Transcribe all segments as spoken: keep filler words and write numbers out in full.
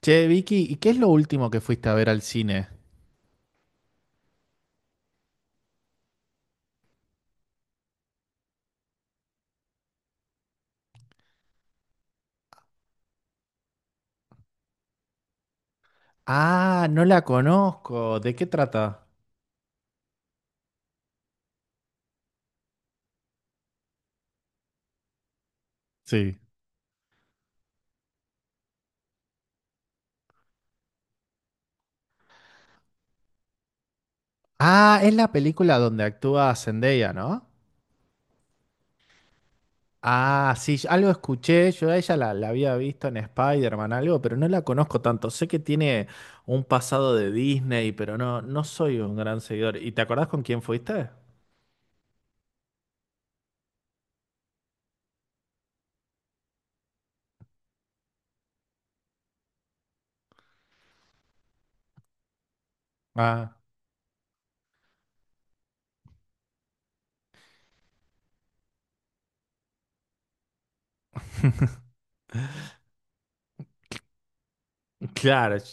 Che, Vicky, ¿y qué es lo último que fuiste a ver al cine? Ah, no la conozco. ¿De qué trata? Sí. Ah, es la película donde actúa Zendaya, ¿no? Ah, sí, yo- algo escuché. Yo a ella la, la había visto en Spider-Man, algo, pero no la conozco tanto. Sé que tiene un pasado de Disney, pero no, no soy un gran seguidor. ¿Y te acordás con quién fuiste? Ah. Claro, yo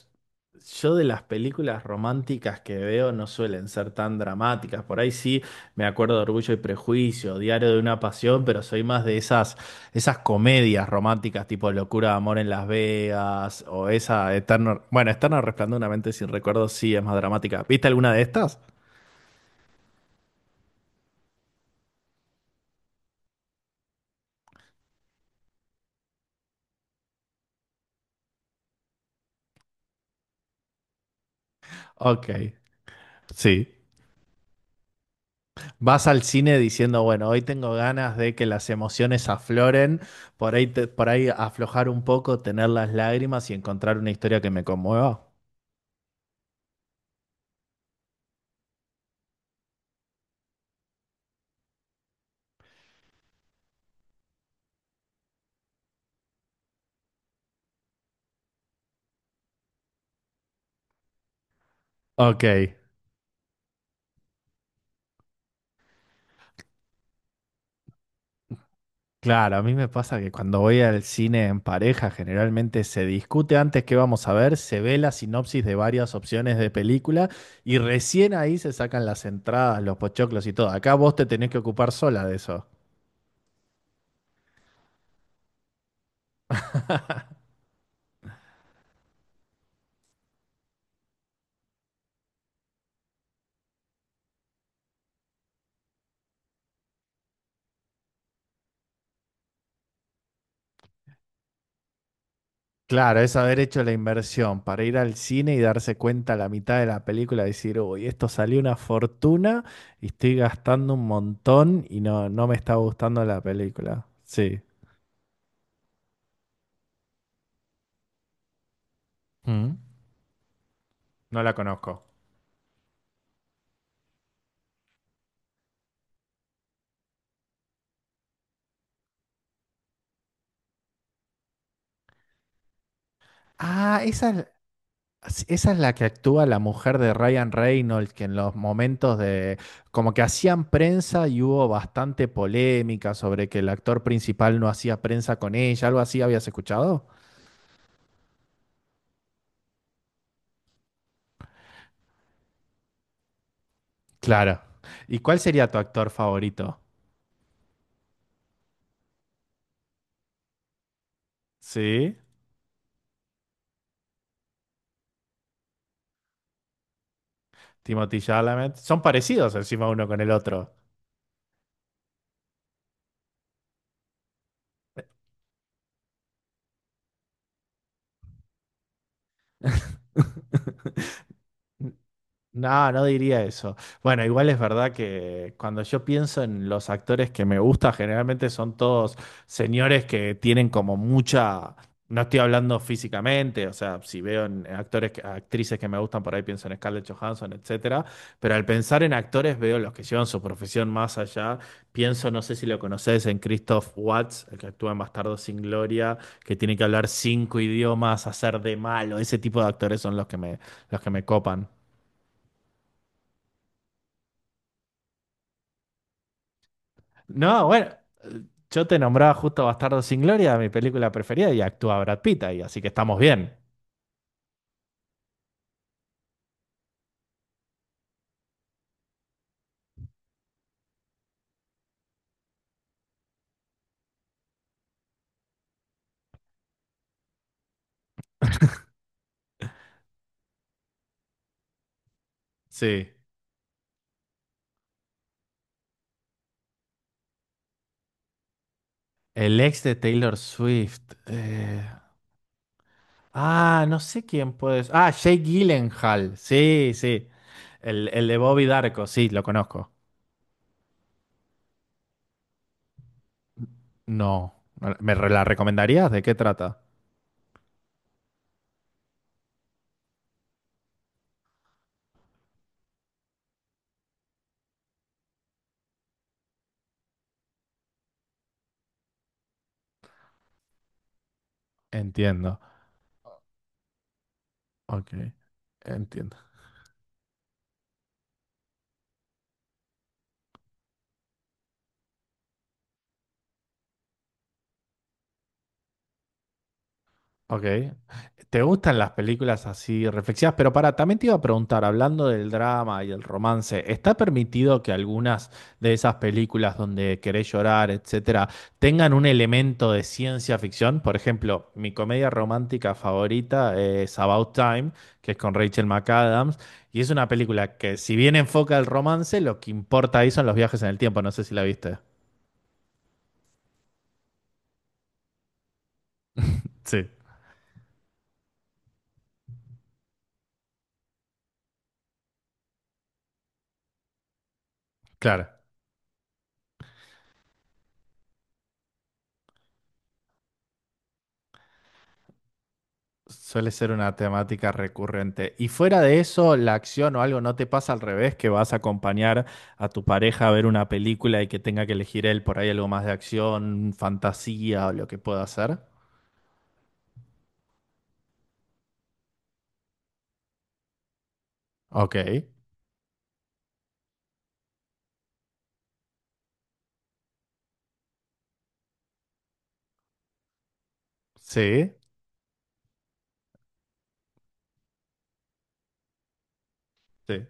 yo de las películas románticas que veo no suelen ser tan dramáticas. Por ahí sí me acuerdo de Orgullo y Prejuicio, Diario de una Pasión, pero soy más de esas, esas comedias románticas tipo Locura de Amor en Las Vegas o esa Eterno... Bueno, Eterno Resplandor de una mente sin recuerdos sí es más dramática. ¿Viste alguna de estas? Ok, sí. Vas al cine diciendo, bueno, hoy tengo ganas de que las emociones afloren, por ahí, te- por ahí aflojar un poco, tener las lágrimas y encontrar una historia que me conmueva. Ok, claro, a mí me pasa que cuando voy al cine en pareja, generalmente se discute antes qué vamos a ver, se ve la sinopsis de varias opciones de película y recién ahí se sacan las entradas, los pochoclos y todo. Acá vos te tenés que ocupar sola de eso. Claro, es haber hecho la inversión para ir al cine y darse cuenta a la mitad de la película, decir, uy, esto salió una fortuna y estoy gastando un montón y no, no me está gustando la película. Sí. Mm. No la conozco. Ah, esa, es- esa es la que actúa la mujer de Ryan Reynolds, que en los momentos de, como que hacían prensa y hubo bastante polémica sobre que el actor principal no hacía prensa con ella, algo así habías escuchado. Claro. ¿Y cuál sería tu actor favorito? Sí, Timothée Chalamet. Son parecidos encima uno con el otro. No, no diría eso. Bueno, igual es verdad que cuando yo pienso en los actores que me gusta, generalmente son todos señores que tienen como mucha... No estoy hablando físicamente, o sea, si veo en en actores, que- actrices que me gustan, por ahí pienso en Scarlett Johansson, etcétera. Pero al pensar en actores veo los que llevan su profesión más allá. Pienso, no sé si lo conoces, en Christoph Waltz, el que actúa en Bastardos sin Gloria, que tiene que hablar cinco idiomas, hacer de malo. Ese tipo de actores son los que me, los que me copan. No, bueno, yo te nombraba justo Bastardo sin Gloria, mi película preferida, y actúa Brad Pitt ahí, así que estamos bien. Sí. El ex de Taylor Swift. eh, Ah, no sé quién puede ser. Ah, Jake Gyllenhaal. Sí, sí. El, el de Bobby Darko, sí, lo conozco. No. No, ¿Me re- la recomendarías? ¿De qué trata? Entiendo. Ok. Entiendo. Ok. ¿Te gustan las películas así reflexivas? Pero para, también te iba a preguntar, hablando del drama y el romance, ¿está permitido que algunas de esas películas donde querés llorar, etcétera, tengan un elemento de ciencia ficción? Por ejemplo, mi comedia romántica favorita es About Time, que es con Rachel McAdams, y es una película que, si bien enfoca el romance, lo que importa ahí son los viajes en el tiempo. No sé si la viste. Sí, claro. Suele ser una temática recurrente. Y fuera de eso, la acción o algo no te pasa al revés, que vas a acompañar a tu pareja a ver una película y que tenga que elegir él por ahí algo más de acción, fantasía o lo que pueda hacer. Ok. Sí, sí,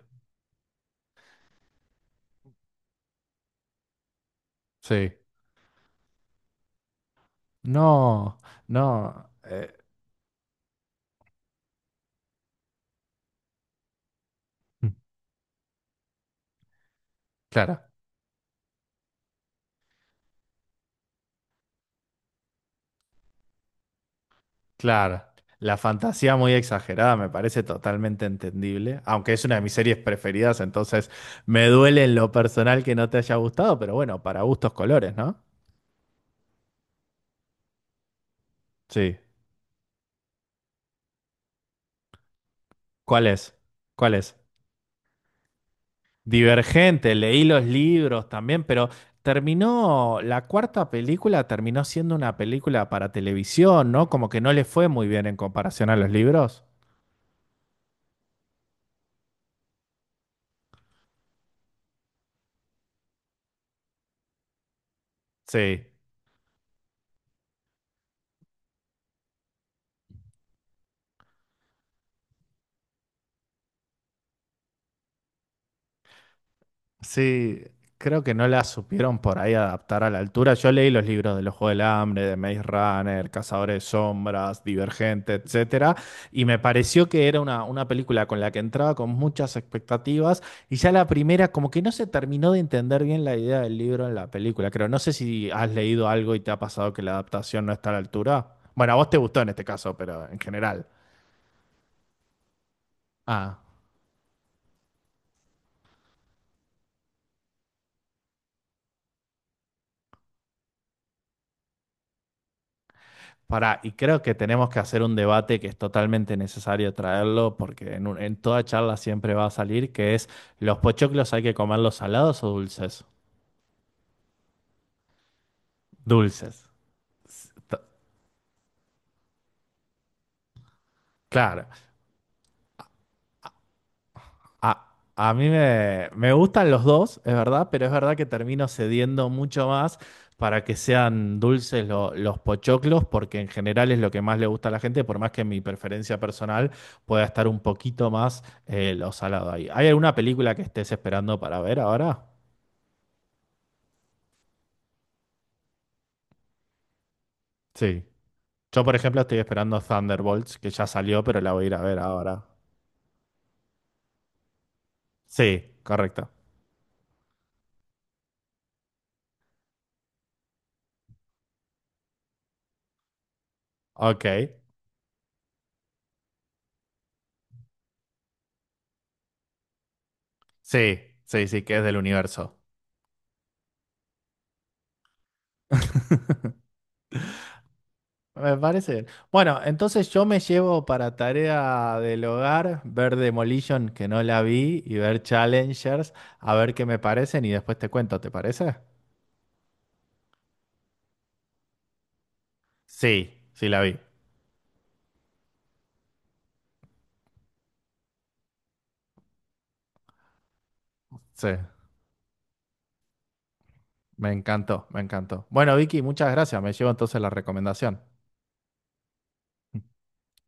sí. No, no. eh, mm, claro, claro. La fantasía muy exagerada me parece totalmente entendible, aunque es una de mis series preferidas, entonces me duele en lo personal que no te haya gustado, pero bueno, para gustos colores, ¿no? Sí. ¿Cuál es? ¿Cuál es? Divergente, leí los libros también, pero terminó, la cuarta película terminó siendo una película para televisión, ¿no? Como que no le fue muy bien en comparación a los libros. Sí. Sí, creo que no la supieron por ahí adaptar a la altura. Yo leí los libros de los Juegos del Hambre, de Maze Runner, Cazadores de Sombras, Divergente, etcétera, y me pareció que era una, una película con la que entraba con muchas expectativas, y ya la primera, como que no se terminó de entender bien la idea del libro en la película. Creo, no sé si has leído algo y te ha pasado que la adaptación no está a la altura. Bueno, a vos te gustó en este caso, pero en general. Pará, y creo que tenemos que hacer un debate que es totalmente necesario traerlo, porque en, un- en toda charla siempre va a salir, que es, ¿los pochoclos hay que comerlos salados o dulces? Dulces. S- t- Claro. A, a mí me, me gustan los dos, es verdad, pero es verdad que termino cediendo mucho más para que sean dulces lo- los pochoclos, porque en general es lo que más le gusta a la gente, por más que mi preferencia personal pueda estar un poquito más eh, lo salado ahí. ¿Hay alguna película que estés esperando para ver ahora? Sí. Yo, por ejemplo, estoy esperando Thunderbolts, que ya salió, pero la voy a ir a ver ahora. Sí, correcto. Ok. Sí, sí, sí, que es del universo. Me parece bien. Bueno, entonces yo me llevo para tarea del hogar ver Demolition, que no la vi, y ver Challengers, a ver qué me parecen y después te cuento, ¿te parece? Sí, sí la vi. Sí, me encantó, me encantó. Bueno, Vicky, muchas gracias. Me llevo entonces la recomendación.